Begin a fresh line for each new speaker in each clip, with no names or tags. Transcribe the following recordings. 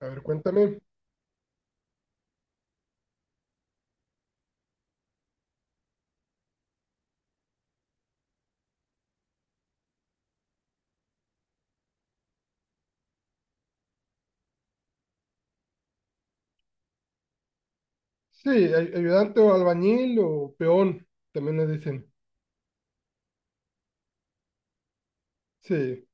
A ver, cuéntame. Sí, ayudante o albañil o peón, también le dicen. Sí.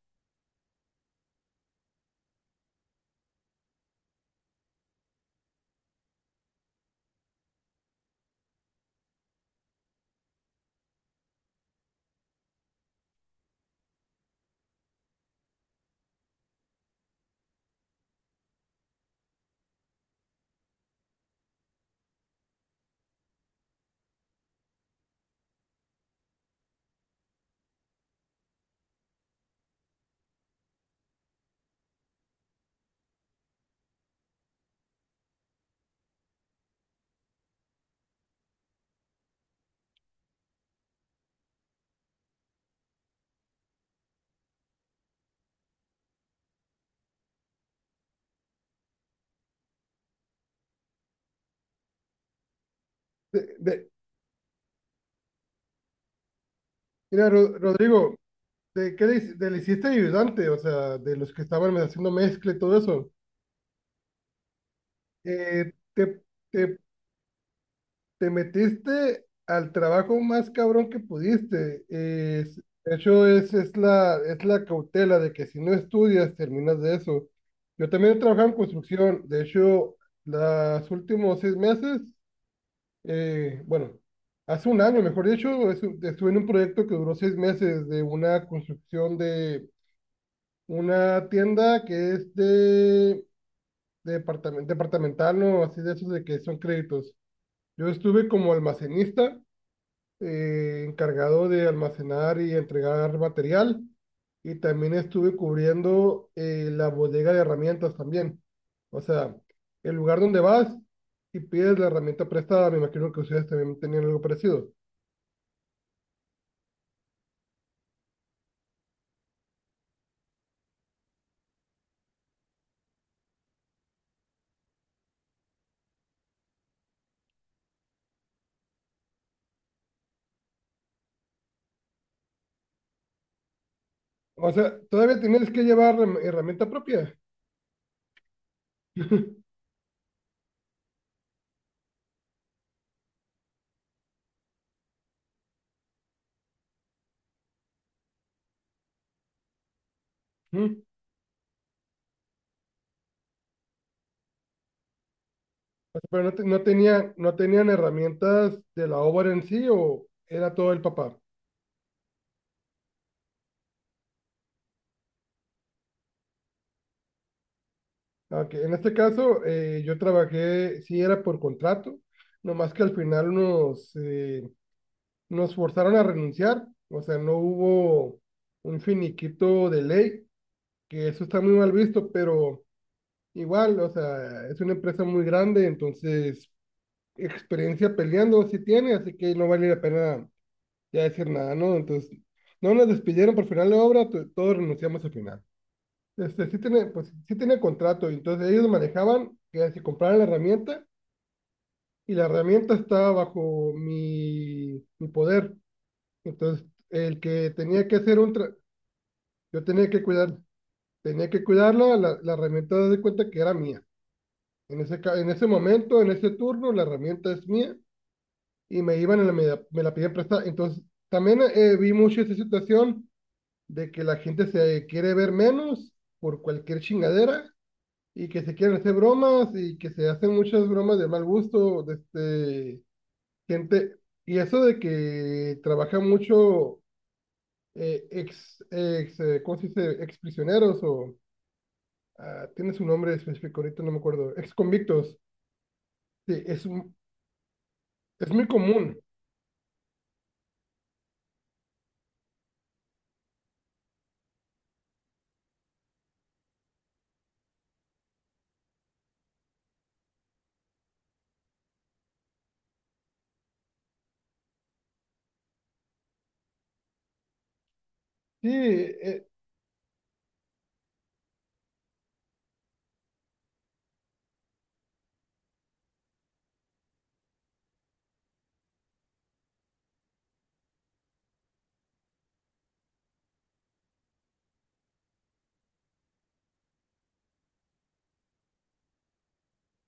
De, de- Mira, Rodrigo, ¿de le hiciste ayudante? O sea, de los que estaban haciendo mezcla y todo eso. Eh, te, te, te metiste al trabajo más cabrón que pudiste. De hecho, es la cautela de que si no estudias, terminas de eso. Yo también he trabajado en construcción. De hecho, los últimos 6 meses. eh, bueno, Hace un año, mejor dicho, estuve en un proyecto que duró 6 meses de una construcción de una tienda que es de departamental, ¿no? Así de esos de que son créditos. Yo estuve como almacenista, encargado de almacenar y entregar material, y también estuve cubriendo la bodega de herramientas también. O sea, el lugar donde vas y pides la herramienta prestada, me imagino que ustedes también tenían algo parecido. O sea, todavía tenías que llevar herramienta propia. Mm. O sea, pero no, no tenían herramientas de la obra en sí o era todo el papá. Aunque en este caso yo trabajé, sí era por contrato, nomás que al final nos forzaron a renunciar. O sea, no hubo un finiquito de ley, que eso está muy mal visto, pero igual, o sea, es una empresa muy grande, entonces experiencia peleando sí tiene, así que no vale la pena ya decir nada, ¿no? Entonces, no nos despidieron por final de obra, todos renunciamos al final. Este, sí tiene, pues, sí tiene contrato, y entonces ellos manejaban que si compraran la herramienta y la herramienta estaba bajo mi poder. Entonces, el que tenía que hacer un... Yo tenía que cuidar, tenía que cuidarla, la herramienta de cuenta que era mía. En ese en ese momento, en ese turno, la herramienta es mía y me iban y me la pidían prestada. Entonces, también vi mucho esa situación de que la gente se quiere ver menos por cualquier chingadera y que se quieren hacer bromas y que se hacen muchas bromas de mal gusto, de este, gente. Y eso de que trabaja mucho ex, ex ¿cómo se dice? Ex prisioneros o ah, tiene su nombre específico, ahorita no me acuerdo, ex convictos. Sí, es muy común. Sí, e-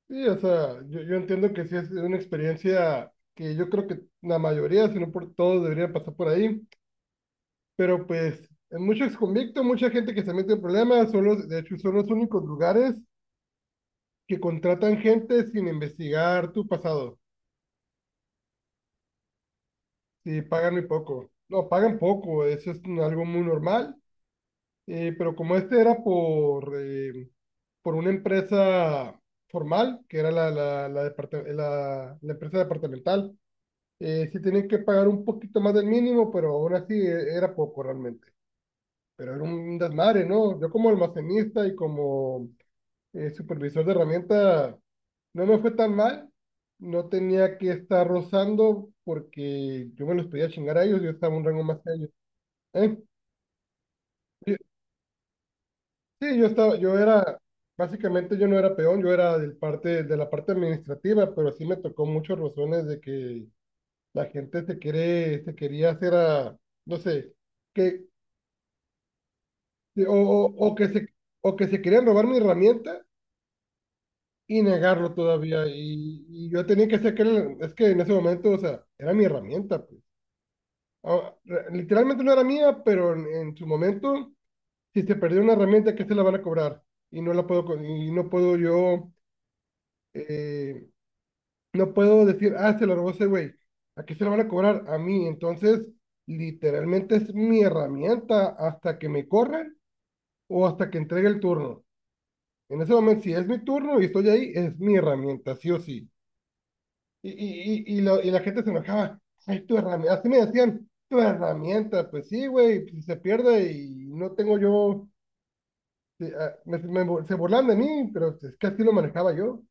Sí, o sea, yo entiendo que sí es una experiencia que yo creo que la mayoría, si no por todos, deberían pasar por ahí, pero pues en muchos exconvictos, mucha gente que se mete en problemas, son los, de hecho son los únicos lugares que contratan gente sin investigar tu pasado, y pagan muy poco, no, pagan poco, eso es algo muy normal, eh, pero como este era por una empresa formal, que era la empresa departamental. Sí tenían que pagar un poquito más del mínimo, pero aún así era poco realmente. Pero era un desmadre, ¿no? Yo como almacenista y como supervisor de herramienta no me fue tan mal. No tenía que estar rozando porque yo me los podía chingar a ellos, yo estaba un rango más que ellos. ¿Eh? Yo- sí, yo estaba, yo era, básicamente yo no era peón, yo era de la parte administrativa, pero sí me tocó muchos rozones de que la gente se quiere, se quería hacer a, no sé que. Sí, o que o que se querían robar mi herramienta y negarlo todavía. Y yo tenía que sacar, es que en ese momento, o sea, era mi herramienta, pues. Ah, literalmente no era mía, pero en su momento, si se perdió una herramienta, ¿qué se la van a cobrar? Y no la puedo, y no puedo yo, eh, no puedo decir, ah, se la robó ese güey. ¿A qué se la van a cobrar? A mí. Entonces, literalmente es mi herramienta hasta que me corran o hasta que entregue el turno. En ese momento, si es mi turno y estoy ahí, es mi herramienta, sí o sí. Y la gente se enojaba. Ay, tu herramienta. Así me decían, tu herramienta. Pues sí, güey, si se pierde y no tengo yo. Sí, ah, se burlan de mí, pero es que así lo manejaba yo.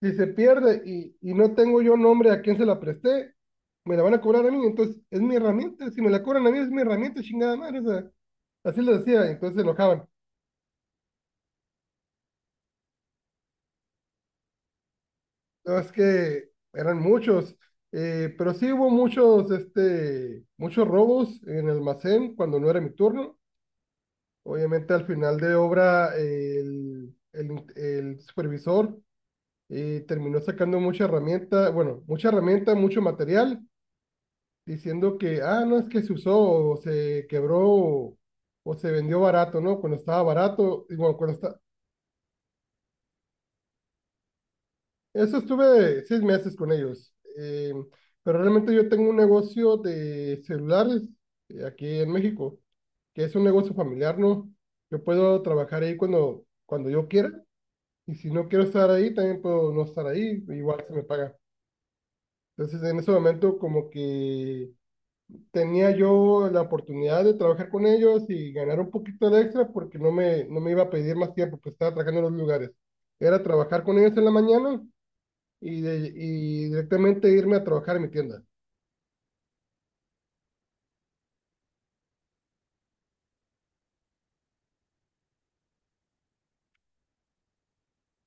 Si se pierde y no tengo yo nombre a quién se la presté, me la van a cobrar a mí. Entonces, es mi herramienta. Si me la cobran a mí, es mi herramienta, chingada madre. O sea, así les decía. Entonces se enojaban. No, es que eran muchos, pero sí hubo muchos, este, muchos robos en el almacén cuando no era mi turno. Obviamente al final de obra el supervisor terminó sacando mucha herramienta, bueno, mucha herramienta, mucho material, diciendo que, ah, no es que se usó o se quebró o se vendió barato, ¿no? Cuando estaba barato, y bueno, cuando, está- eso estuve 6 meses con ellos, pero realmente yo tengo un negocio de celulares aquí en México, que es un negocio familiar, ¿no? Yo puedo trabajar ahí cuando yo quiera y si no quiero estar ahí, también puedo no estar ahí, igual se me paga. Entonces en ese momento como que tenía yo la oportunidad de trabajar con ellos y ganar un poquito de extra porque no no me iba a pedir más tiempo, pues estaba trabajando en los lugares. Era trabajar con ellos en la mañana y directamente irme a trabajar en mi tienda.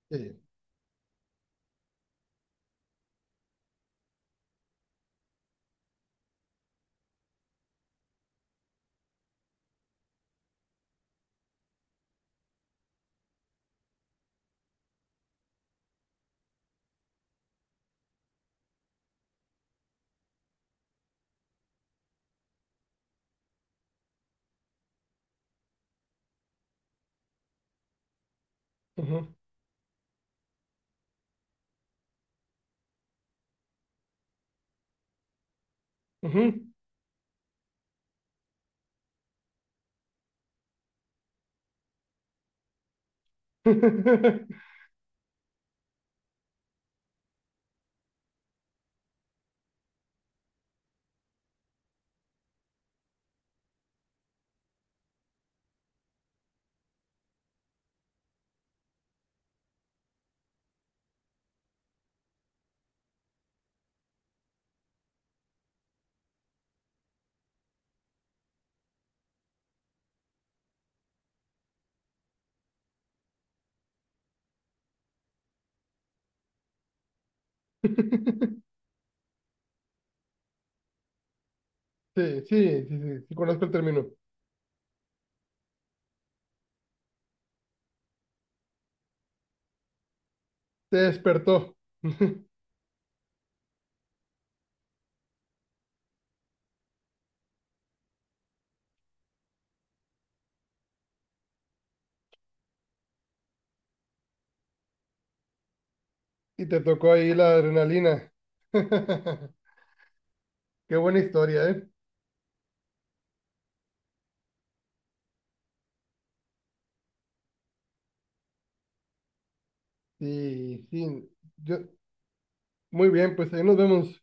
Sí. Ujú, ujú. Sí, sí, sí, sí, sí, conozco el término. Te despertó y te tocó ahí la adrenalina. Qué buena historia, ¿eh? Sí, sí. Yo, muy bien, pues ahí nos vemos.